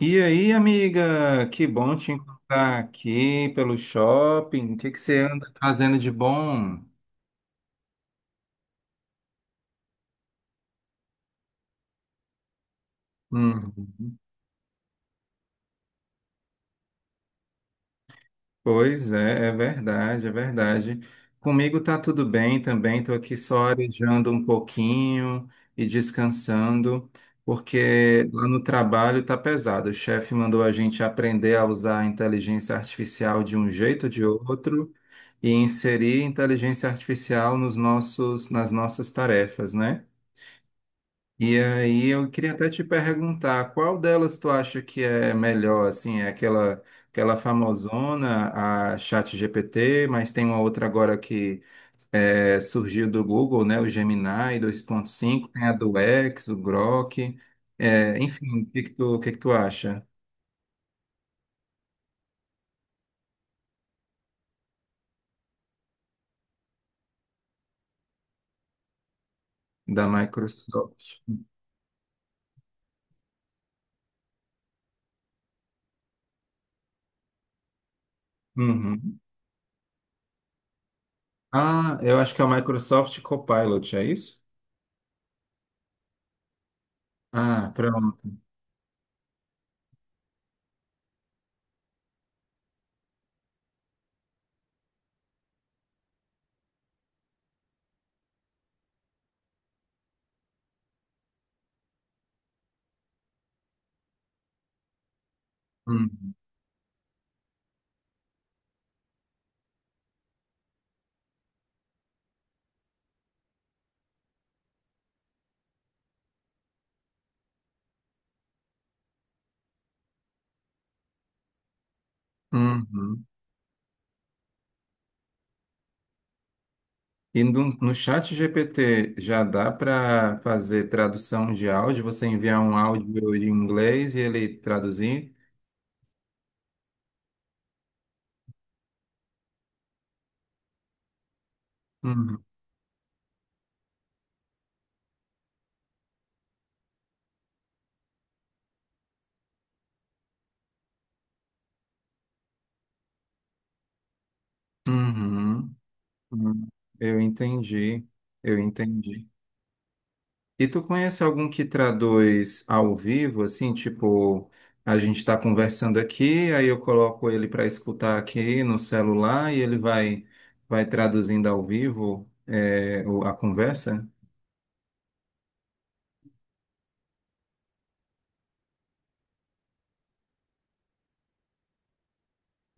E aí, amiga, que bom te encontrar aqui pelo shopping. O que que você anda fazendo de bom? Uhum. Pois é, é verdade, é verdade. Comigo tá tudo bem também, tô aqui só arejando um pouquinho e descansando, porque lá no trabalho tá pesado. O chefe mandou a gente aprender a usar a inteligência artificial de um jeito ou de outro e inserir inteligência artificial nas nossas tarefas, né? E aí eu queria até te perguntar, qual delas tu acha que é melhor, assim, é aquela famosona, a ChatGPT, mas tem uma outra agora que é, surgiu do Google, né, o Gemini 2.5, tem a do X, o Grok, é, enfim, o que que tu acha da Microsoft? Uhum. Ah, eu acho que é o Microsoft Copilot, é isso? Ah, pronto. Uhum. Uhum. E no chat GPT já dá para fazer tradução de áudio? Você enviar um áudio em inglês e ele traduzir? Uhum. Uhum. Uhum. Eu entendi, eu entendi. E tu conhece algum que traduz ao vivo, assim, tipo, a gente está conversando aqui, aí eu coloco ele para escutar aqui no celular e ele vai traduzindo ao vivo, é, a conversa?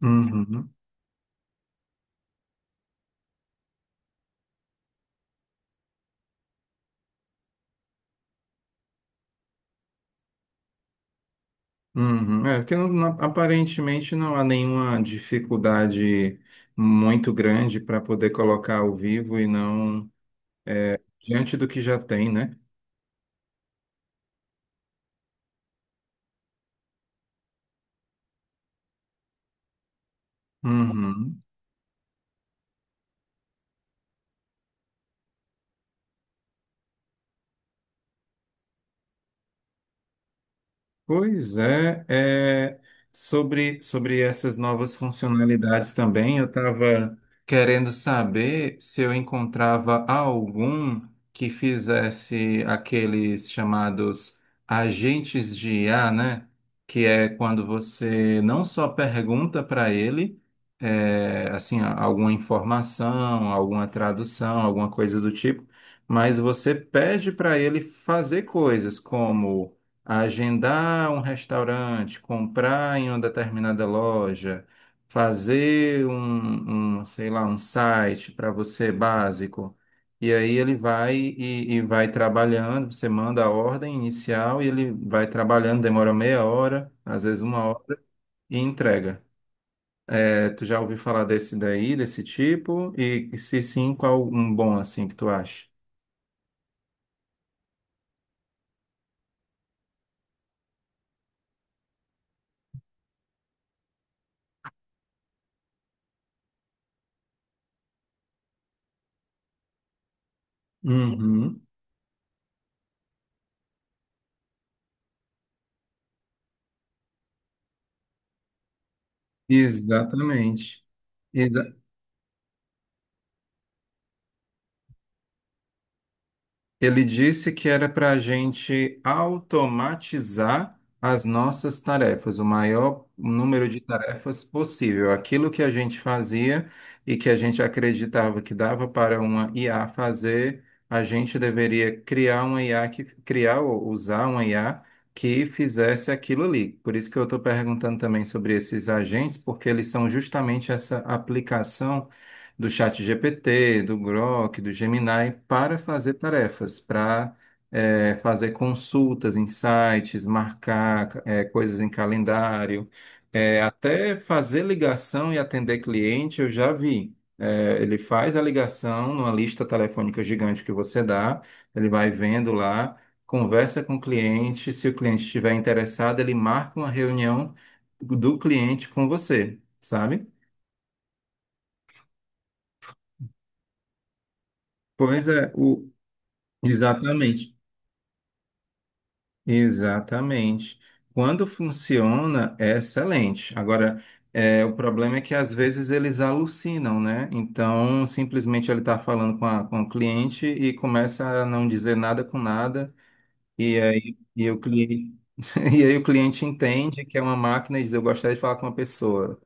Uhum. Uhum, é, porque aparentemente não há nenhuma dificuldade muito grande para poder colocar ao vivo e não diante do que já tem, né? Uhum. Pois é, sobre essas novas funcionalidades também, eu estava querendo saber se eu encontrava algum que fizesse aqueles chamados agentes de IA, né? Que é quando você não só pergunta para ele, assim, alguma informação, alguma tradução, alguma coisa do tipo, mas você pede para ele fazer coisas como agendar um restaurante, comprar em uma determinada loja, fazer sei lá, um site para você básico. E aí ele vai e vai trabalhando, você manda a ordem inicial e ele vai trabalhando, demora meia hora, às vezes uma hora, e entrega. É, tu já ouviu falar desse daí, desse tipo? E se sim, qual um bom assim que tu acha? Uhum. Exatamente. Ele disse que era para a gente automatizar as nossas tarefas, o maior número de tarefas possível. Aquilo que a gente fazia e que a gente acreditava que dava para uma IA fazer, a gente deveria criar uma IA que criar ou usar uma IA que fizesse aquilo ali. Por isso que eu estou perguntando também sobre esses agentes, porque eles são justamente essa aplicação do ChatGPT, do Grok, do Gemini para fazer tarefas, para fazer consultas em sites, marcar coisas em calendário, até fazer ligação e atender cliente, eu já vi. Ele faz a ligação numa lista telefônica gigante que você dá, ele vai vendo lá, conversa com o cliente, se o cliente estiver interessado, ele marca uma reunião do cliente com você, sabe? Pois é, exatamente, exatamente. Quando funciona, é excelente. Agora, o problema é que às vezes eles alucinam, né? Então, simplesmente ele está falando com o cliente e começa a não dizer nada com nada, e aí, e o cliente, e aí o cliente entende que é uma máquina e diz, eu gostaria de falar com uma pessoa.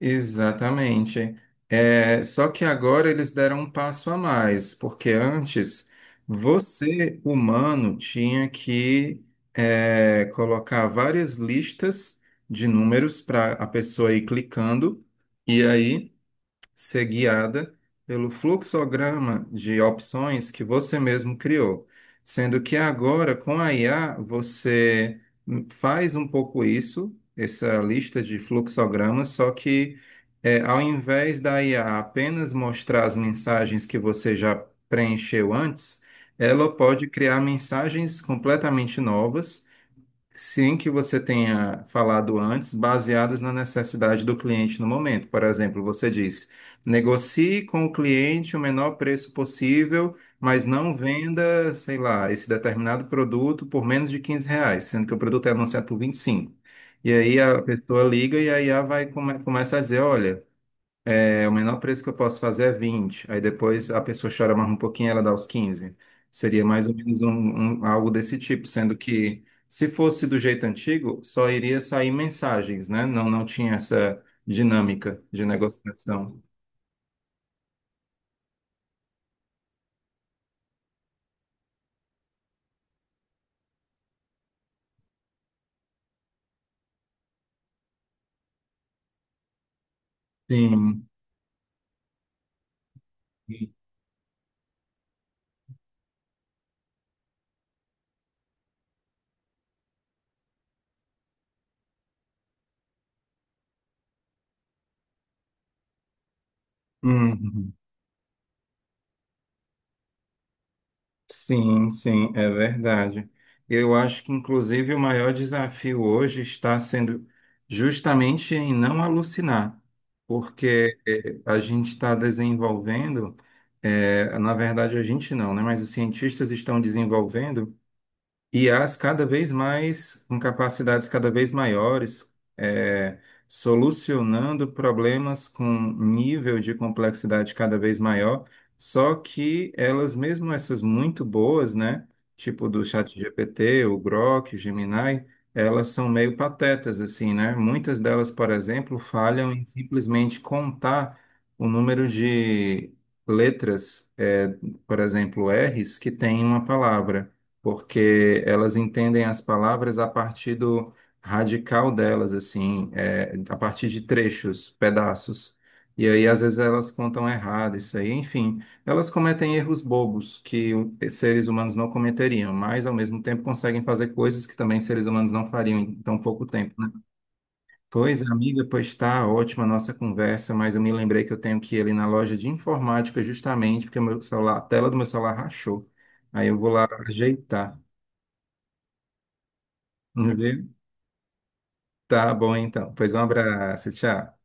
Exatamente. Só que agora eles deram um passo a mais, porque antes você, humano, tinha que colocar várias listas de números para a pessoa ir clicando, e aí ser guiada pelo fluxograma de opções que você mesmo criou. Sendo que agora, com a IA, você faz um pouco isso, essa lista de fluxogramas, só que ao invés da IA apenas mostrar as mensagens que você já preencheu antes, ela pode criar mensagens completamente novas. Sim, que você tenha falado antes, baseadas na necessidade do cliente no momento. Por exemplo, você disse: negocie com o cliente o menor preço possível, mas não venda, sei lá, esse determinado produto por menos de R$ 15, sendo que o produto é anunciado por 25. E cinco. E aí a pessoa liga e aí a começa a dizer: olha. O menor preço que eu posso fazer é 20. Aí depois a pessoa chora mais um pouquinho, ela dá os 15. Seria mais ou menos algo desse tipo, sendo que se fosse do jeito antigo, só iria sair mensagens, né? Não, não tinha essa dinâmica de negociação. Sim. Uhum. Sim, sim, é verdade. Eu acho que, inclusive, o maior desafio hoje está sendo justamente em não alucinar, porque a gente está desenvolvendo, na verdade, a gente não, né? Mas os cientistas estão desenvolvendo I as cada vez mais, com capacidades cada vez maiores, solucionando problemas com nível de complexidade cada vez maior, só que elas, mesmo essas muito boas, né, tipo do ChatGPT, o Grok, o Gemini, elas são meio patetas, assim, né? Muitas delas, por exemplo, falham em simplesmente contar o número de letras, por exemplo, R's que tem em uma palavra porque elas entendem as palavras a partir do radical delas, assim, a partir de trechos, pedaços. E aí, às vezes, elas contam errado isso aí. Enfim, elas cometem erros bobos que seres humanos não cometeriam, mas, ao mesmo tempo, conseguem fazer coisas que também seres humanos não fariam em tão pouco tempo, né? Pois, amiga, pois está ótima a nossa conversa, mas eu me lembrei que eu tenho que ir ali na loja de informática justamente porque o meu celular, a tela do meu celular rachou. Aí eu vou lá ajeitar. Uhum. Tá bom, então. Pois um abraço, tchau.